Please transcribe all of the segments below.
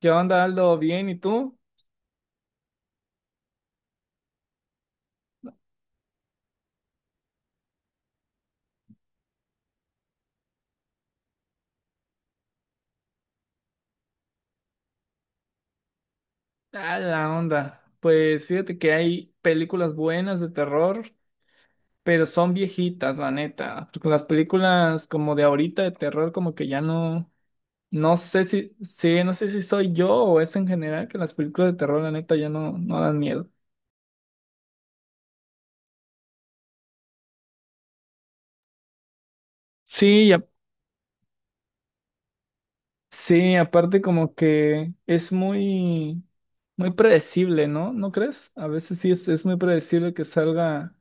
¿Qué onda, Aldo? ¿Bien? ¿Y tú? Ah, la onda. Pues fíjate que hay películas buenas de terror, pero son viejitas, la neta. Porque las películas como de ahorita de terror, como que ya no, no sé si, sí, no sé si soy yo o es en general que las películas de terror, la neta, ya no, no dan miedo. Sí, sí, aparte como que es muy, muy predecible, ¿no? ¿No crees? A veces sí es muy predecible que salga.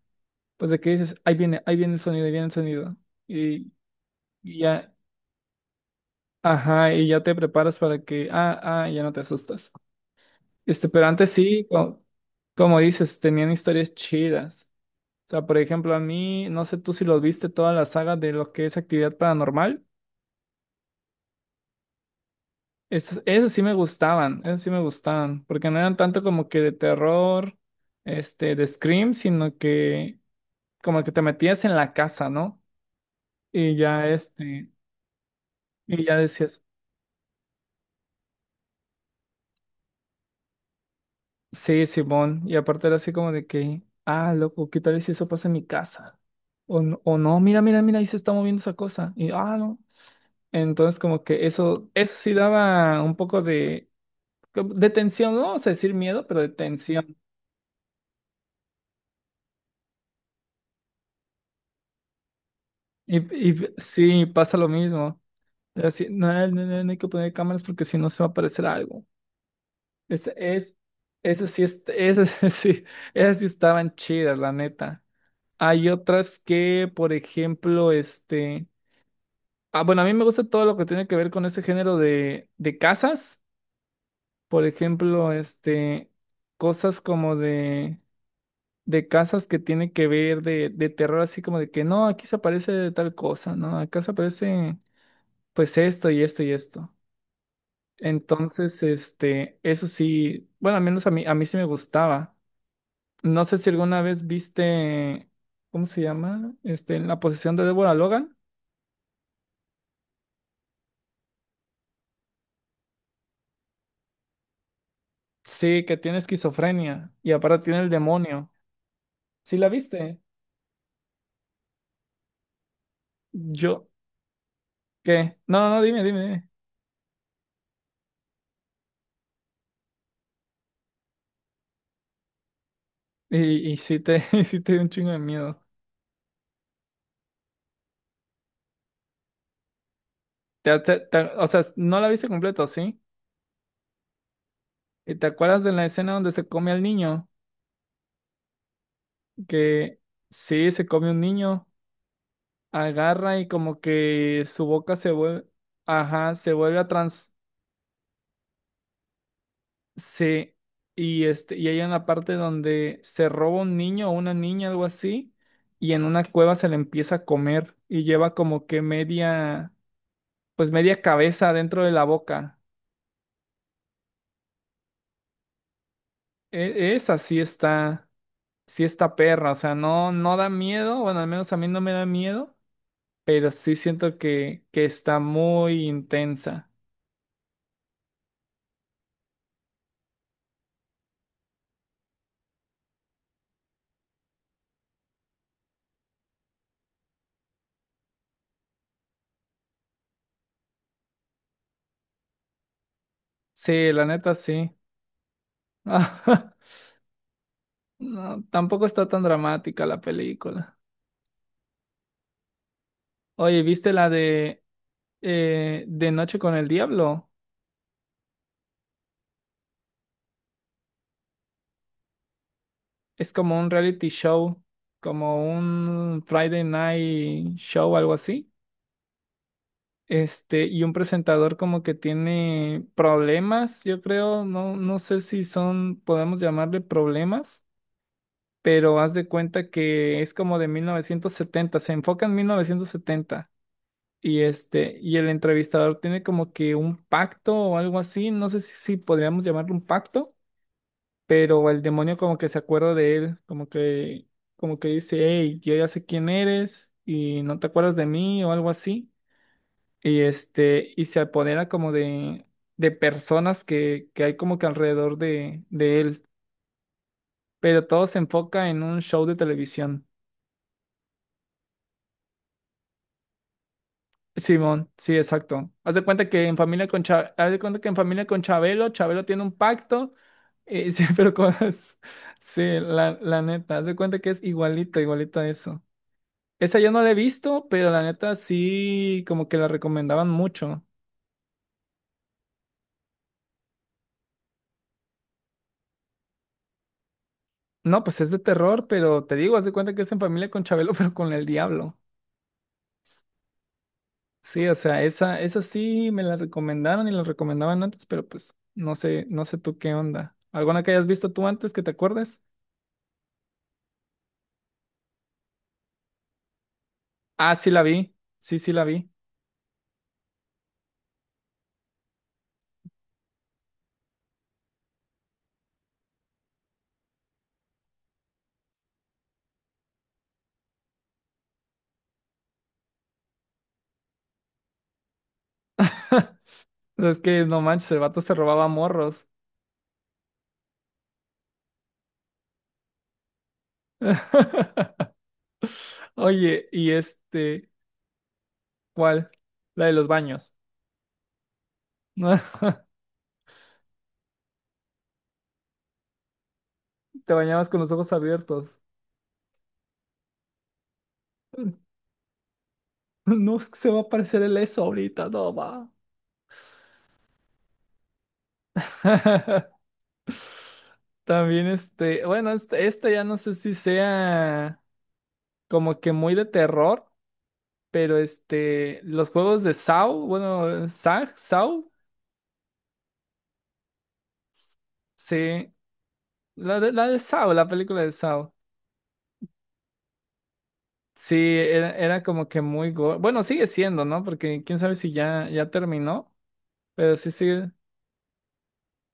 Pues de que dices, ahí viene el sonido, ahí viene el sonido. Y, y ya, ajá, y ya te preparas para que, ah, ah, ya no te asustas. Este, pero antes sí, como, dices, tenían historias chidas. O sea, por ejemplo, a mí, no sé tú si los viste toda la saga de lo que es actividad paranormal. Esas, esas sí me gustaban, esas sí me gustaban, porque no eran tanto como que de terror, este, de Scream, sino que como que te metías en la casa, ¿no? Y ya, este, y ya decías. Sí, Simón. Y aparte era así como de que, ah, loco, ¿qué tal si eso pasa en mi casa? O, o no, mira, mira, mira, ahí se está moviendo esa cosa. Y, ah, no. Entonces, como que eso sí daba un poco de, como de tensión, no vamos a decir miedo, pero de tensión. Y sí, pasa lo mismo. Era así, no, no, no, no no hay que poner cámaras porque si no se va a aparecer algo. Es, es, esas sí, es, esas sí, esas sí estaban chidas, la neta. Hay otras que, por ejemplo, este. Ah, bueno, a mí me gusta todo lo que tiene que ver con ese género de casas. Por ejemplo, este, cosas como de casas que tienen que ver de terror, así como de que no, aquí se aparece tal cosa, ¿no? Acá se aparece pues esto y esto y esto. Entonces, este, eso sí, bueno, al menos a mí sí me gustaba. No sé si alguna vez viste, ¿cómo se llama? Este, en la posesión de Deborah Logan. Sí, que tiene esquizofrenia y aparte tiene el demonio. ¿Sí la viste? Yo, ¿qué? No, no, dime, dime, dime. Y sí te, y sí te dio un chingo de miedo. O sea, no la viste completo, ¿sí? ¿Y te acuerdas de la escena donde se come al niño? Que sí, se come un niño, agarra y como que su boca se vuelve, ajá, se vuelve a trans, sí. Y este, y hay una parte donde se roba un niño o una niña, algo así, y en una cueva se le empieza a comer y lleva como que media, pues media cabeza dentro de la boca. Esa sí está perra, o sea, no, no da miedo, bueno, al menos a mí no me da miedo, pero sí siento que está muy intensa. Sí, la neta sí. No, tampoco está tan dramática la película. Oye, ¿viste la de De Noche con el Diablo? Es como un reality show, como un Friday Night Show, algo así. Este, y un presentador como que tiene problemas, yo creo, no, no sé si son, podemos llamarle problemas, pero haz de cuenta que es como de 1970, se enfoca en 1970 y este, y el entrevistador tiene como que un pacto o algo así, no sé si, si podríamos llamarlo un pacto, pero el demonio como que se acuerda de él, como que dice, hey, yo ya sé quién eres y no te acuerdas de mí o algo así. Y este, y se apodera como de personas que hay como que alrededor de él. Pero todo se enfoca en un show de televisión. Simón, sí, exacto. Haz de cuenta que en familia con Chabelo, Chabelo tiene un pacto. Sí, pero con sí, la neta, haz de cuenta que es igualito, igualito a eso. Esa yo no la he visto, pero la neta sí como que la recomendaban mucho. No, pues es de terror, pero te digo, haz de cuenta que es en familia con Chabelo, pero con el diablo. Sí, o sea, esa sí me la recomendaron y la recomendaban antes, pero pues no sé, no sé tú qué onda. ¿Alguna que hayas visto tú antes que te acuerdes? Ah, sí la vi. Sí, sí la vi. Es que no manches, el vato se robaba morros. Oye, y este, ¿cuál? La de los baños. Te bañabas con los ojos abiertos. No es que se va a aparecer el eso ahorita, no va. También este, bueno, este, esta ya no sé si sea como que muy de terror, pero este, los juegos de Saw, bueno, Saw, Saw, sí, la de Saw, la película de Saw, sí, era como que muy, bueno, sigue siendo, ¿no? Porque quién sabe si ya, ya terminó, pero sí, sí,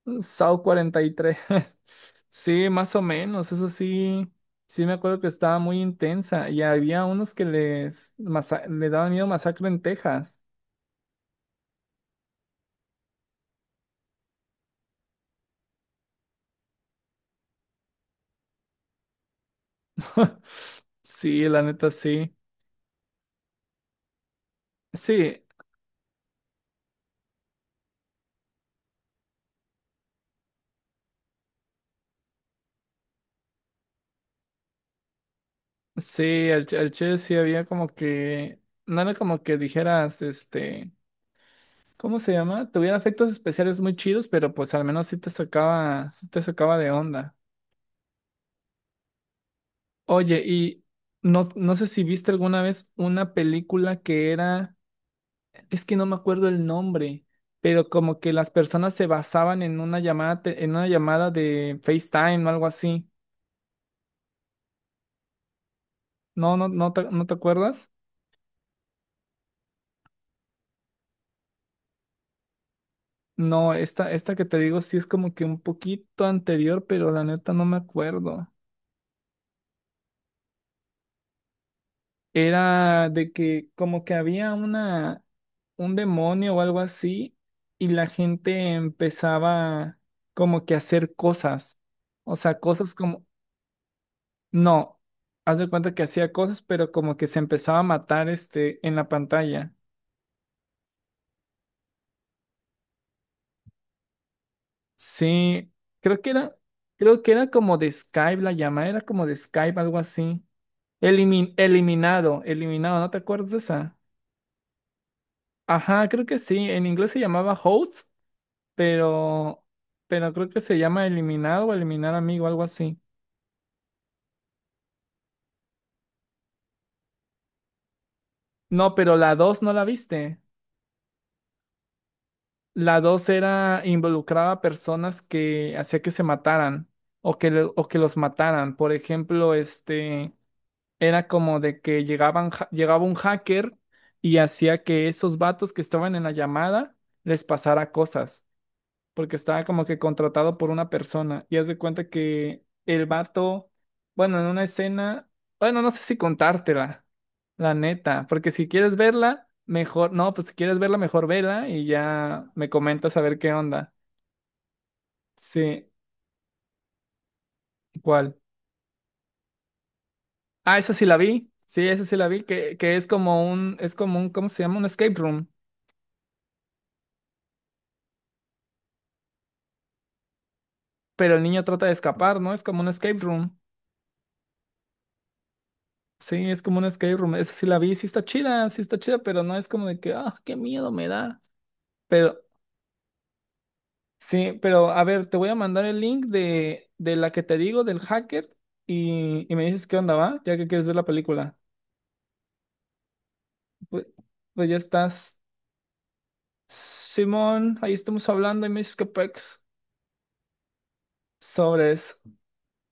SAO 43 Sí, más o menos, eso sí, sí me acuerdo que estaba muy intensa y había unos que les le daban miedo masacre en Texas. Sí, la neta sí. Sí, sí, al Che sí había como que, no era como que dijeras, este, ¿cómo se llama? Tuviera efectos especiales muy chidos, pero pues al menos sí te sacaba de onda. Oye, y no, no sé si viste alguna vez una película que era es que no me acuerdo el nombre, pero como que las personas se basaban en una llamada, en una llamada de FaceTime o algo así. No, no, no te, ¿no te acuerdas? No, esta que te digo sí es como que un poquito anterior, pero la neta no me acuerdo. Era de que como que había una, un demonio o algo así, y la gente empezaba como que a hacer cosas. O sea, cosas como, no, haz de cuenta que hacía cosas, pero como que se empezaba a matar este en la pantalla. Sí, creo que era, creo que era como de Skype la llamada, era como de Skype, algo así. Eliminado, eliminado, ¿no te acuerdas de esa? Ajá, creo que sí. En inglés se llamaba Host, pero, pero creo que se llama Eliminado o Eliminar Amigo, algo así. No, pero la dos no la viste. La dos era involucraba a personas que hacía que se mataran o que, o que los mataran. Por ejemplo, este era como de que llegaban, llegaba un hacker y hacía que esos vatos que estaban en la llamada les pasara cosas porque estaba como que contratado por una persona y haz de cuenta que el vato, bueno, en una escena, bueno, no sé si contártela, la neta, porque si quieres verla, mejor, no, pues si quieres verla, mejor vela y ya me comentas a ver qué onda. Sí, ¿cuál? Ah, esa sí la vi, sí, esa sí la vi, que es como un, ¿cómo se llama? Un escape room, pero el niño trata de escapar, ¿no? Es como un escape room. Sí, es como un escape room. Esa sí la vi, sí está chida, pero no es como de que, ah, qué miedo me da. Pero, sí, pero a ver, te voy a mandar el link de la que te digo, del hacker, y me dices qué onda va, ya que quieres ver la película. Pues, pues ya estás. Simón, ahí estamos hablando y me dices qué pex. Sobres.